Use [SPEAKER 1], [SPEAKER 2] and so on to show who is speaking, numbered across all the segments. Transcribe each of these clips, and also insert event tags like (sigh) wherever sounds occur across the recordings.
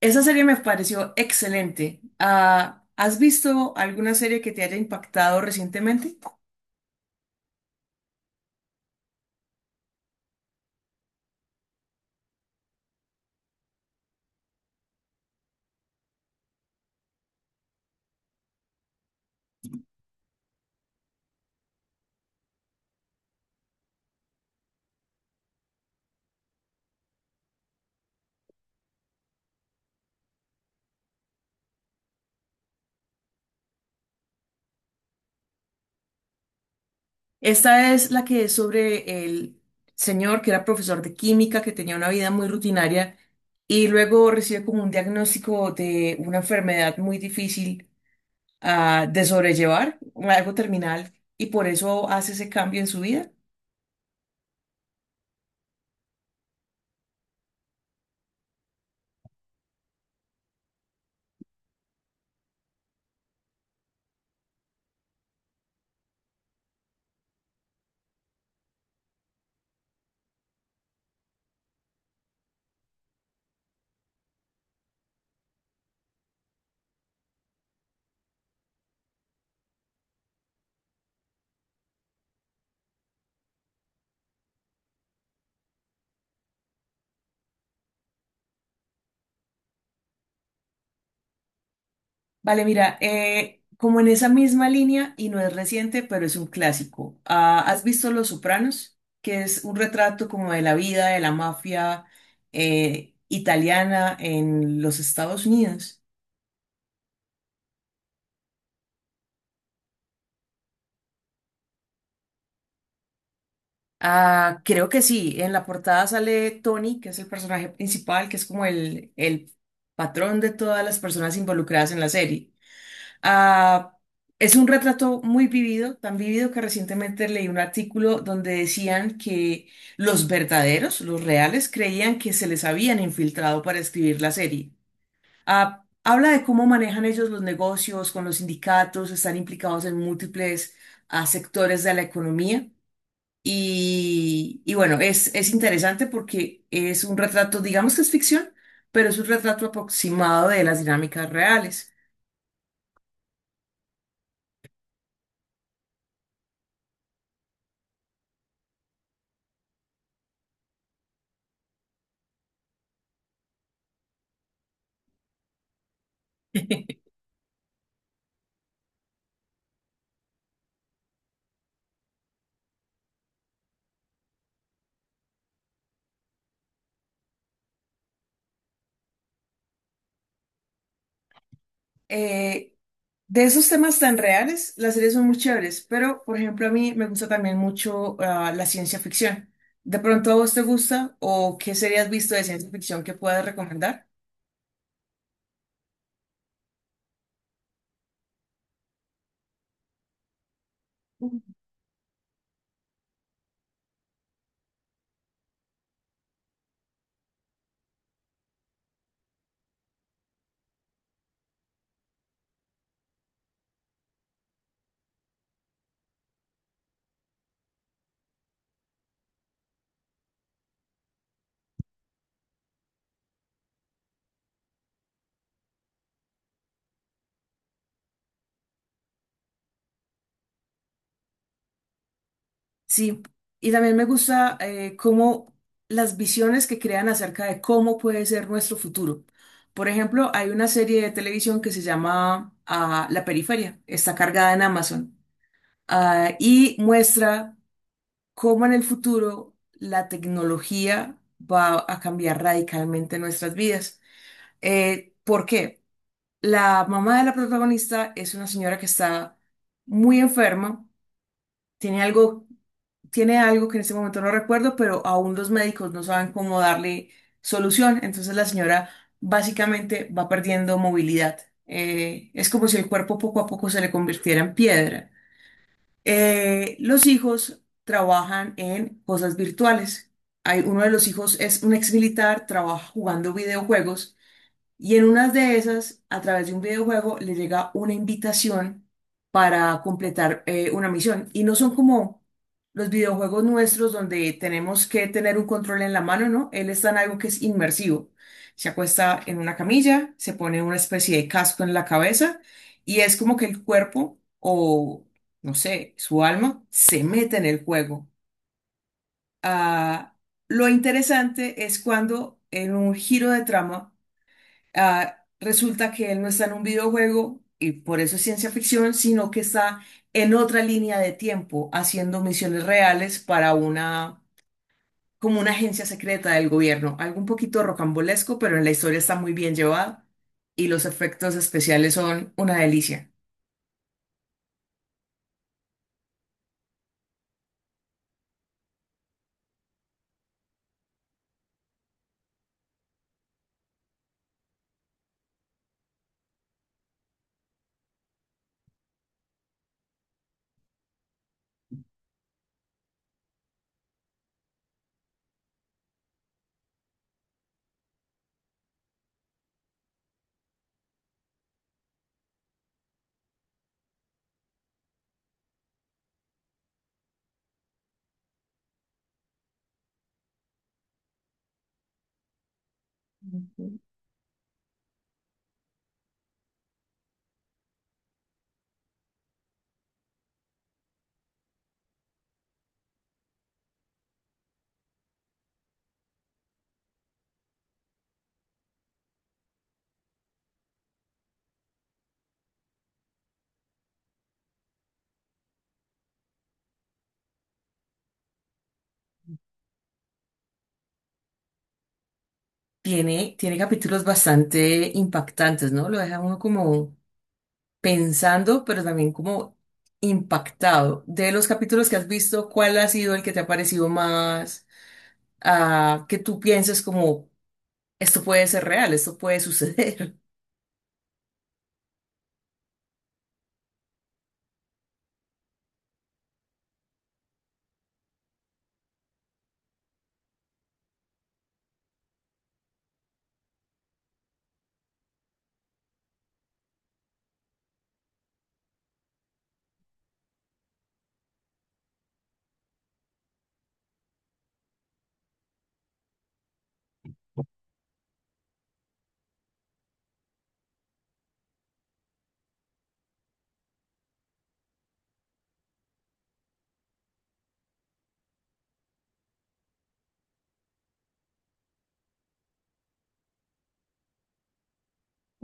[SPEAKER 1] Esa serie me pareció excelente. ¿Has visto alguna serie que te haya impactado recientemente? Esta es la que es sobre el señor que era profesor de química, que tenía una vida muy rutinaria y luego recibe como un diagnóstico de una enfermedad muy difícil de sobrellevar, algo terminal, y por eso hace ese cambio en su vida. Vale, mira, como en esa misma línea, y no es reciente, pero es un clásico. ¿Has visto Los Sopranos? Que es un retrato como de la vida de la mafia italiana en los Estados Unidos. Ah, creo que sí. En la portada sale Tony, que es el personaje principal, que es como el patrón de todas las personas involucradas en la serie. Ah, es un retrato muy vivido, tan vivido que recientemente leí un artículo donde decían que los verdaderos, los reales, creían que se les habían infiltrado para escribir la serie. Habla de cómo manejan ellos los negocios con los sindicatos, están implicados en múltiples sectores de la economía. Y bueno, es interesante porque es un retrato, digamos que es ficción, pero es un retrato aproximado de las dinámicas reales. eh, de esos temas tan reales, las series son muy chéveres, pero por ejemplo a mí me gusta también mucho la ciencia ficción. ¿De pronto a vos te gusta o qué serie has visto de ciencia ficción que puedas recomendar? Sí, y también me gusta cómo las visiones que crean acerca de cómo puede ser nuestro futuro. Por ejemplo, hay una serie de televisión que se llama La Periferia, está cargada en Amazon y muestra cómo en el futuro la tecnología va a cambiar radicalmente nuestras vidas. ¿Por qué? La mamá de la protagonista es una señora que está muy enferma, tiene algo, tiene algo que en este momento no recuerdo, pero aún los médicos no saben cómo darle solución. Entonces la señora básicamente va perdiendo movilidad. Es como si el cuerpo poco a poco se le convirtiera en piedra, los hijos trabajan en cosas virtuales. Hay, uno de los hijos es un ex militar, trabaja jugando videojuegos y en unas de esas, a través de un videojuego, le llega una invitación para completar una misión. Y no son como los videojuegos nuestros donde tenemos que tener un control en la mano, ¿no? Él está en algo que es inmersivo. Se acuesta en una camilla, se pone una especie de casco en la cabeza y es como que el cuerpo o, no sé, su alma se mete en el juego. Ah, lo interesante es cuando en un giro de trama resulta que él no está en un videojuego y por eso es ciencia ficción, sino que está en otra línea de tiempo haciendo misiones reales para una, como una agencia secreta del gobierno. Algo un poquito rocambolesco, pero en la historia está muy bien llevada y los efectos especiales son una delicia. Tiene capítulos bastante impactantes, ¿no? Lo deja uno como pensando, pero también como impactado. De los capítulos que has visto, ¿cuál ha sido el que te ha parecido más, que tú pienses como, esto puede ser real, esto puede suceder? (laughs)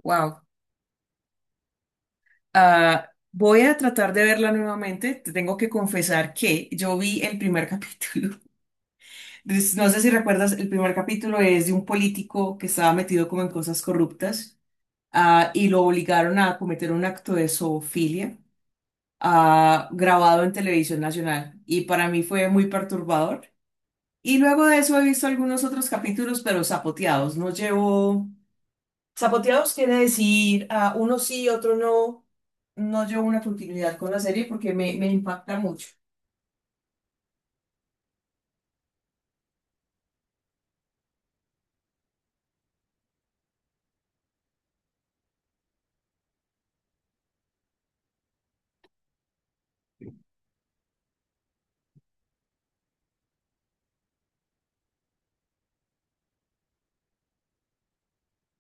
[SPEAKER 1] Wow. Voy a tratar de verla nuevamente. Te tengo que confesar que yo vi el primer capítulo. (laughs) Entonces, no sé si recuerdas, el primer capítulo es de un político que estaba metido como en cosas corruptas. Y lo obligaron a cometer un acto de zoofilia, grabado en televisión nacional, y para mí fue muy perturbador. Y luego de eso he visto algunos otros capítulos, pero zapoteados. No llevo... Zapoteados quiere decir uno sí, otro no. No llevo una continuidad con la serie porque me impacta mucho.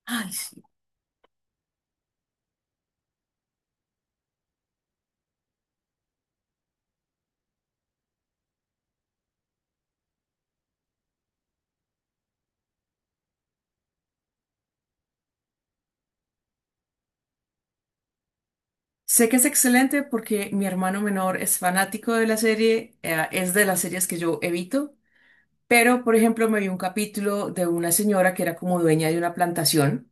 [SPEAKER 1] Ay, sí. Sé que es excelente porque mi hermano menor es fanático de la serie, es de las series que yo evito, pero por ejemplo me vi un capítulo de una señora que era como dueña de una plantación.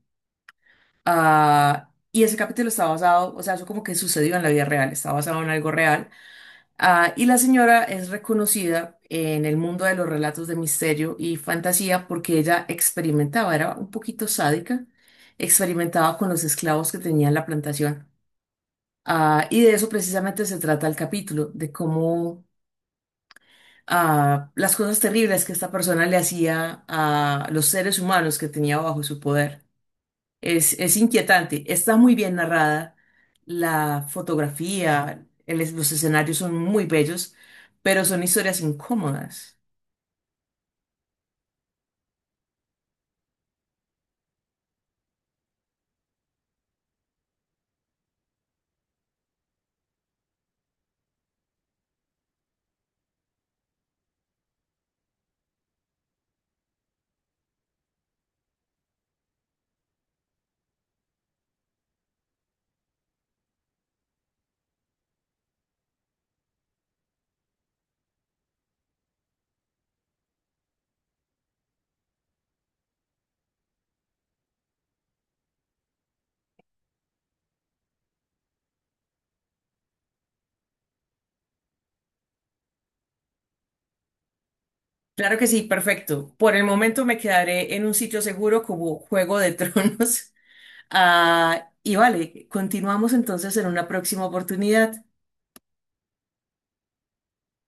[SPEAKER 1] Y ese capítulo está basado, o sea, eso como que sucedió en la vida real, está basado en algo real. Y la señora es reconocida en el mundo de los relatos de misterio y fantasía porque ella experimentaba, era un poquito sádica, experimentaba con los esclavos que tenía en la plantación. Y de eso precisamente se trata el capítulo, de cómo las cosas terribles que esta persona le hacía a los seres humanos que tenía bajo su poder. Es inquietante. Está muy bien narrada. La fotografía, el los escenarios son muy bellos, pero son historias incómodas. Claro que sí, perfecto. Por el momento me quedaré en un sitio seguro como Juego de Tronos. (laughs) Y vale, continuamos entonces en una próxima oportunidad.